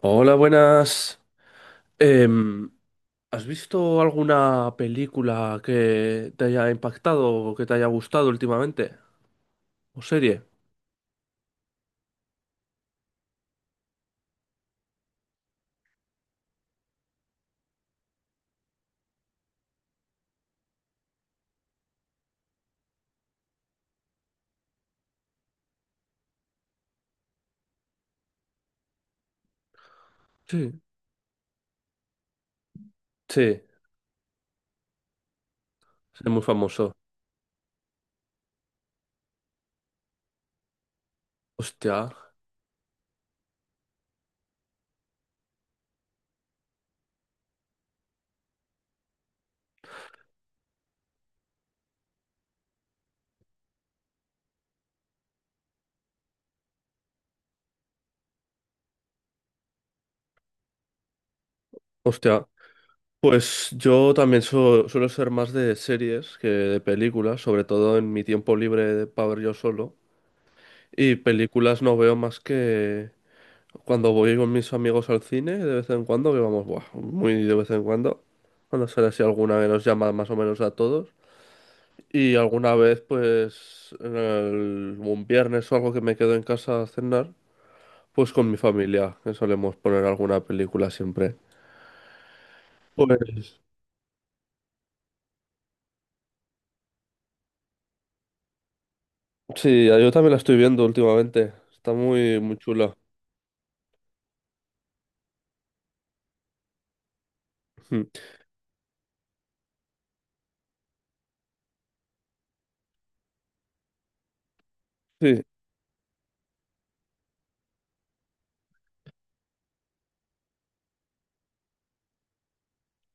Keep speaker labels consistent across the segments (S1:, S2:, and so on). S1: Hola, buenas. Em, ¿Has visto alguna película que te haya impactado o que te haya gustado últimamente? ¿O serie? Sí. Sí, es muy famoso. Hostia, hostia. Pues yo también suelo ser más de series que de películas, sobre todo en mi tiempo libre para ver yo solo. Y películas no veo más que cuando voy con mis amigos al cine, de vez en cuando, que vamos, buah, muy de vez en cuando, cuando sale así alguna que nos llama más o menos a todos, y alguna vez, pues, en un viernes o algo que me quedo en casa a cenar, pues con mi familia, que solemos poner alguna película siempre. Pues sí, yo también la estoy viendo últimamente, está muy, muy chula. Mm. Sí,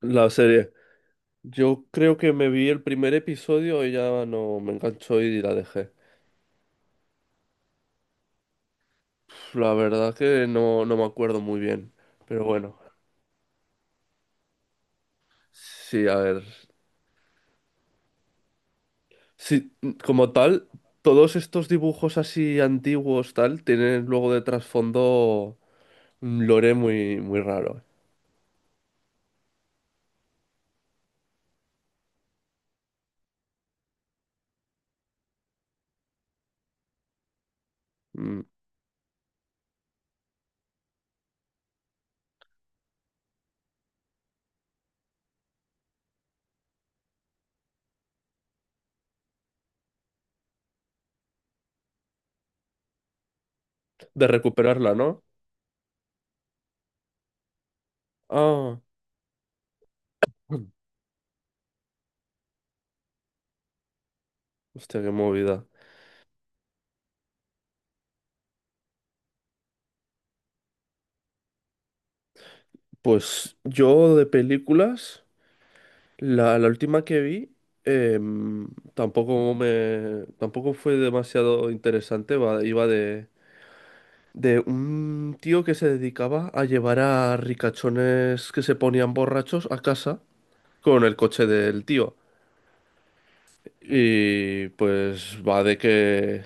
S1: la serie. Yo creo que me vi el primer episodio y ya no me enganchó y la dejé. La verdad que no, no me acuerdo muy bien, pero bueno, sí, a ver. Sí, como tal, todos estos dibujos así antiguos, tal, tienen luego de trasfondo un lore muy, muy raro. Mm. De recuperarla, ¿no? Ah, mm, hostia, qué movida. Pues yo de películas, la última que vi, em, tampoco me, tampoco fue demasiado interesante, iba de un tío que se dedicaba a llevar a ricachones que se ponían borrachos a casa con el coche del tío. Y pues va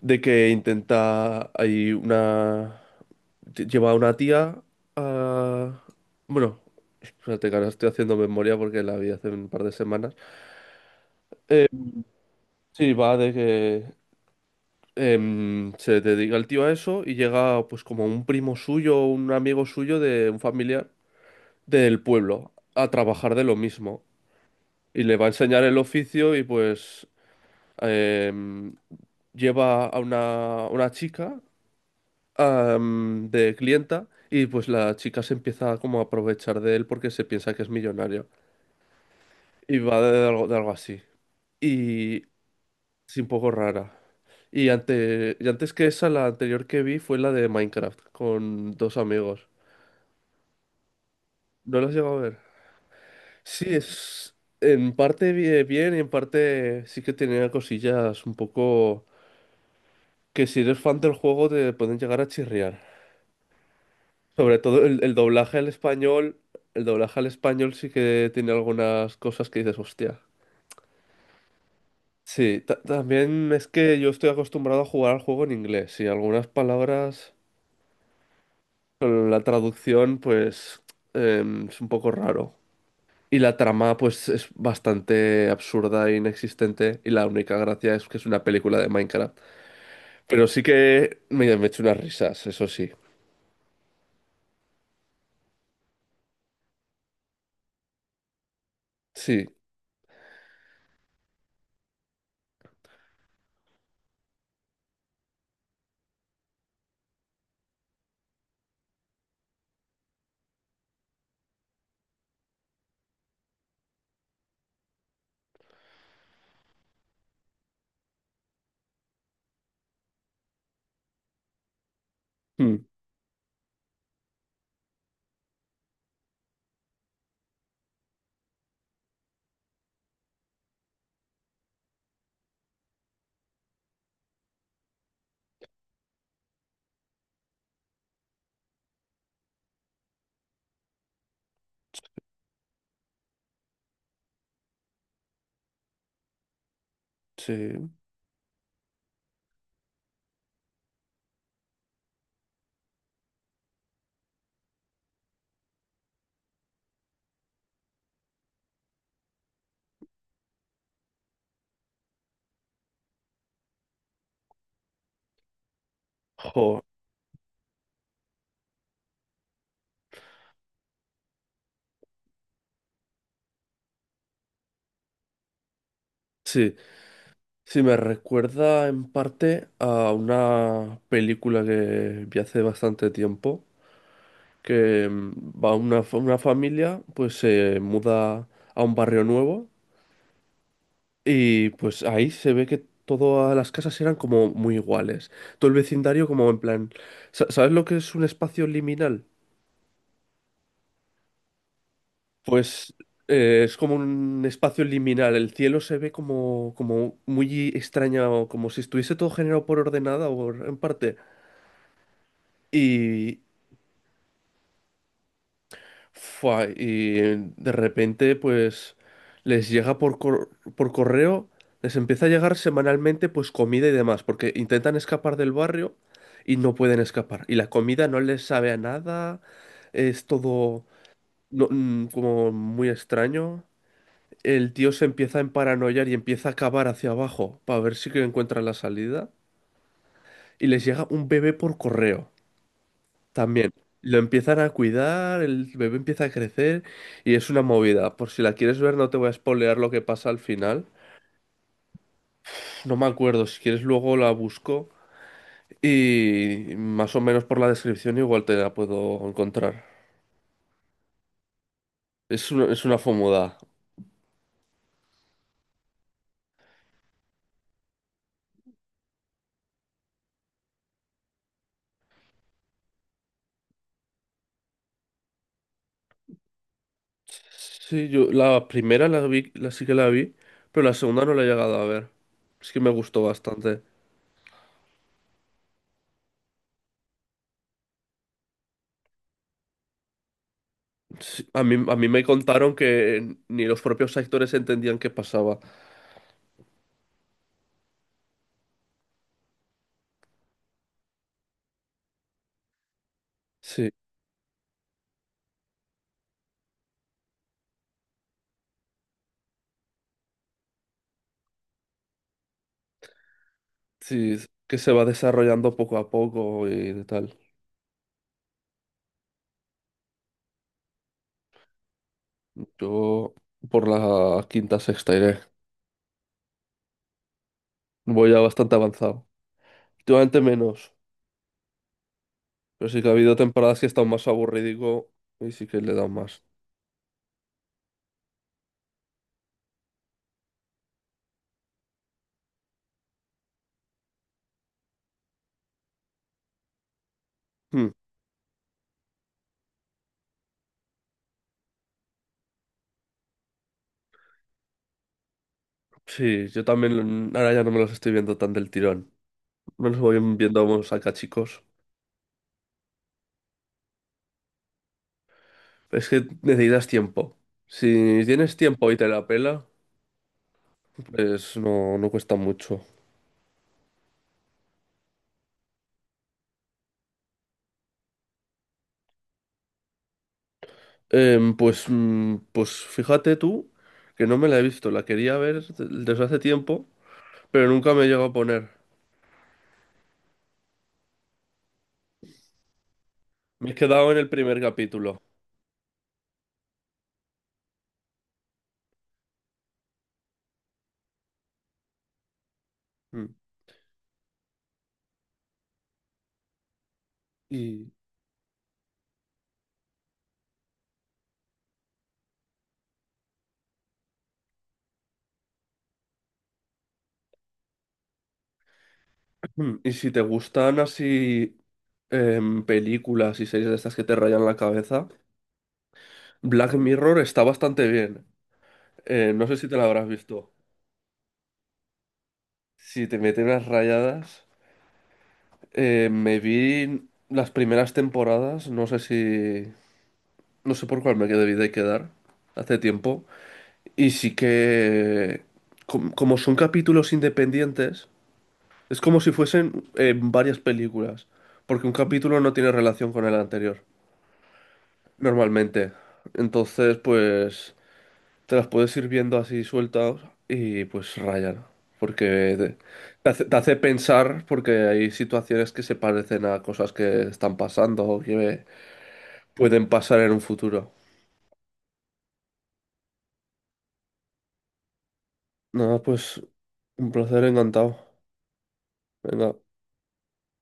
S1: de que intenta hay una lleva a una tía a bueno, espérate que ahora estoy haciendo memoria porque la vi hace un par de semanas. Sí, va de que se dedica el tío a eso y llega pues como un primo suyo, un amigo suyo de un familiar del pueblo a trabajar de lo mismo y le va a enseñar el oficio y pues em, lleva a una chica am, de clienta y pues la chica se empieza como a aprovechar de él porque se piensa que es millonario y va de algo así y es un poco rara. Y, ante, y antes que esa, la anterior que vi fue la de Minecraft con dos amigos. ¿No la has llegado a ver? Sí, es en parte bien y en parte sí que tenía cosillas un poco que si eres fan del juego te pueden llegar a chirriar. Sobre todo el doblaje al español, el doblaje al español sí que tiene algunas cosas que dices, hostia. Sí, también es que yo estoy acostumbrado a jugar al juego en inglés y algunas palabras con la traducción pues es un poco raro. Y la trama, pues, es bastante absurda e inexistente. Y la única gracia es que es una película de Minecraft. Pero sí que me he hecho unas risas, eso sí. Sí. Mm. Sí. Jo, sí. Sí, me recuerda en parte a una película que vi hace bastante tiempo. Que mm, va una, una familia, pues se muda a un barrio nuevo. Y pues ahí se ve que todas las casas eran como muy iguales. Todo el vecindario como en plan... ¿Sabes lo que es un espacio liminal? Pues es como un espacio liminal. El cielo se ve como, como muy extraño como si estuviese todo generado por ordenada o en parte. Fua, y de repente, pues, les llega por correo, les empieza a llegar semanalmente, pues, comida y demás, porque intentan escapar del barrio y no pueden escapar. Y la comida no les sabe a nada, es todo mm, como muy extraño. El tío se empieza a emparanoiar y empieza a cavar hacia abajo para ver si que encuentra la salida. Y les llega un bebé por correo. También lo empiezan a cuidar, el bebé empieza a crecer y es una movida. Por si la quieres ver, no te voy a spoilear lo que pasa al final. No me acuerdo, si quieres luego la busco y más o menos por la descripción igual te la puedo encontrar. Es una fomuda. Sí, yo la primera la vi, la sí que la vi, pero la segunda no la he llegado a ver. Es que me gustó bastante. Sí, a mí me contaron que ni los propios actores entendían qué pasaba. Sí. Sí, es que se va desarrollando poco a poco y tal. Yo por la quinta, sexta iré. Voy ya bastante avanzado. Últimamente menos, pero sí que ha habido temporadas que he estado más aburridico y sí que le he dado más. Hmm. Sí, yo también ahora ya no me los estoy viendo tan del tirón. Me los voy viendo como saca chicos. Es que necesitas tiempo. Si tienes tiempo y te la pela, pues no, no cuesta mucho. Pues, mm, pues fíjate tú que no me la he visto, la quería ver desde hace tiempo, pero nunca me he llegado a poner. Me he quedado en el primer capítulo. Mm. Y, y si te gustan así películas y series de estas que te rayan la cabeza, Black Mirror está bastante bien. No sé si te la habrás visto. Si te meten unas rayadas, me vi las primeras temporadas, no sé si, no sé por cuál me quedé, debí de quedar hace tiempo. Y sí que, como son capítulos independientes, es como si fuesen varias películas, porque un capítulo no tiene relación con el anterior, normalmente. Entonces, pues, te las puedes ir viendo así sueltas y pues rayan, porque te, te hace pensar, porque hay situaciones que se parecen a cosas que están pasando o que pueden pasar en un futuro. Nada, pues, un placer, encantado. Venga.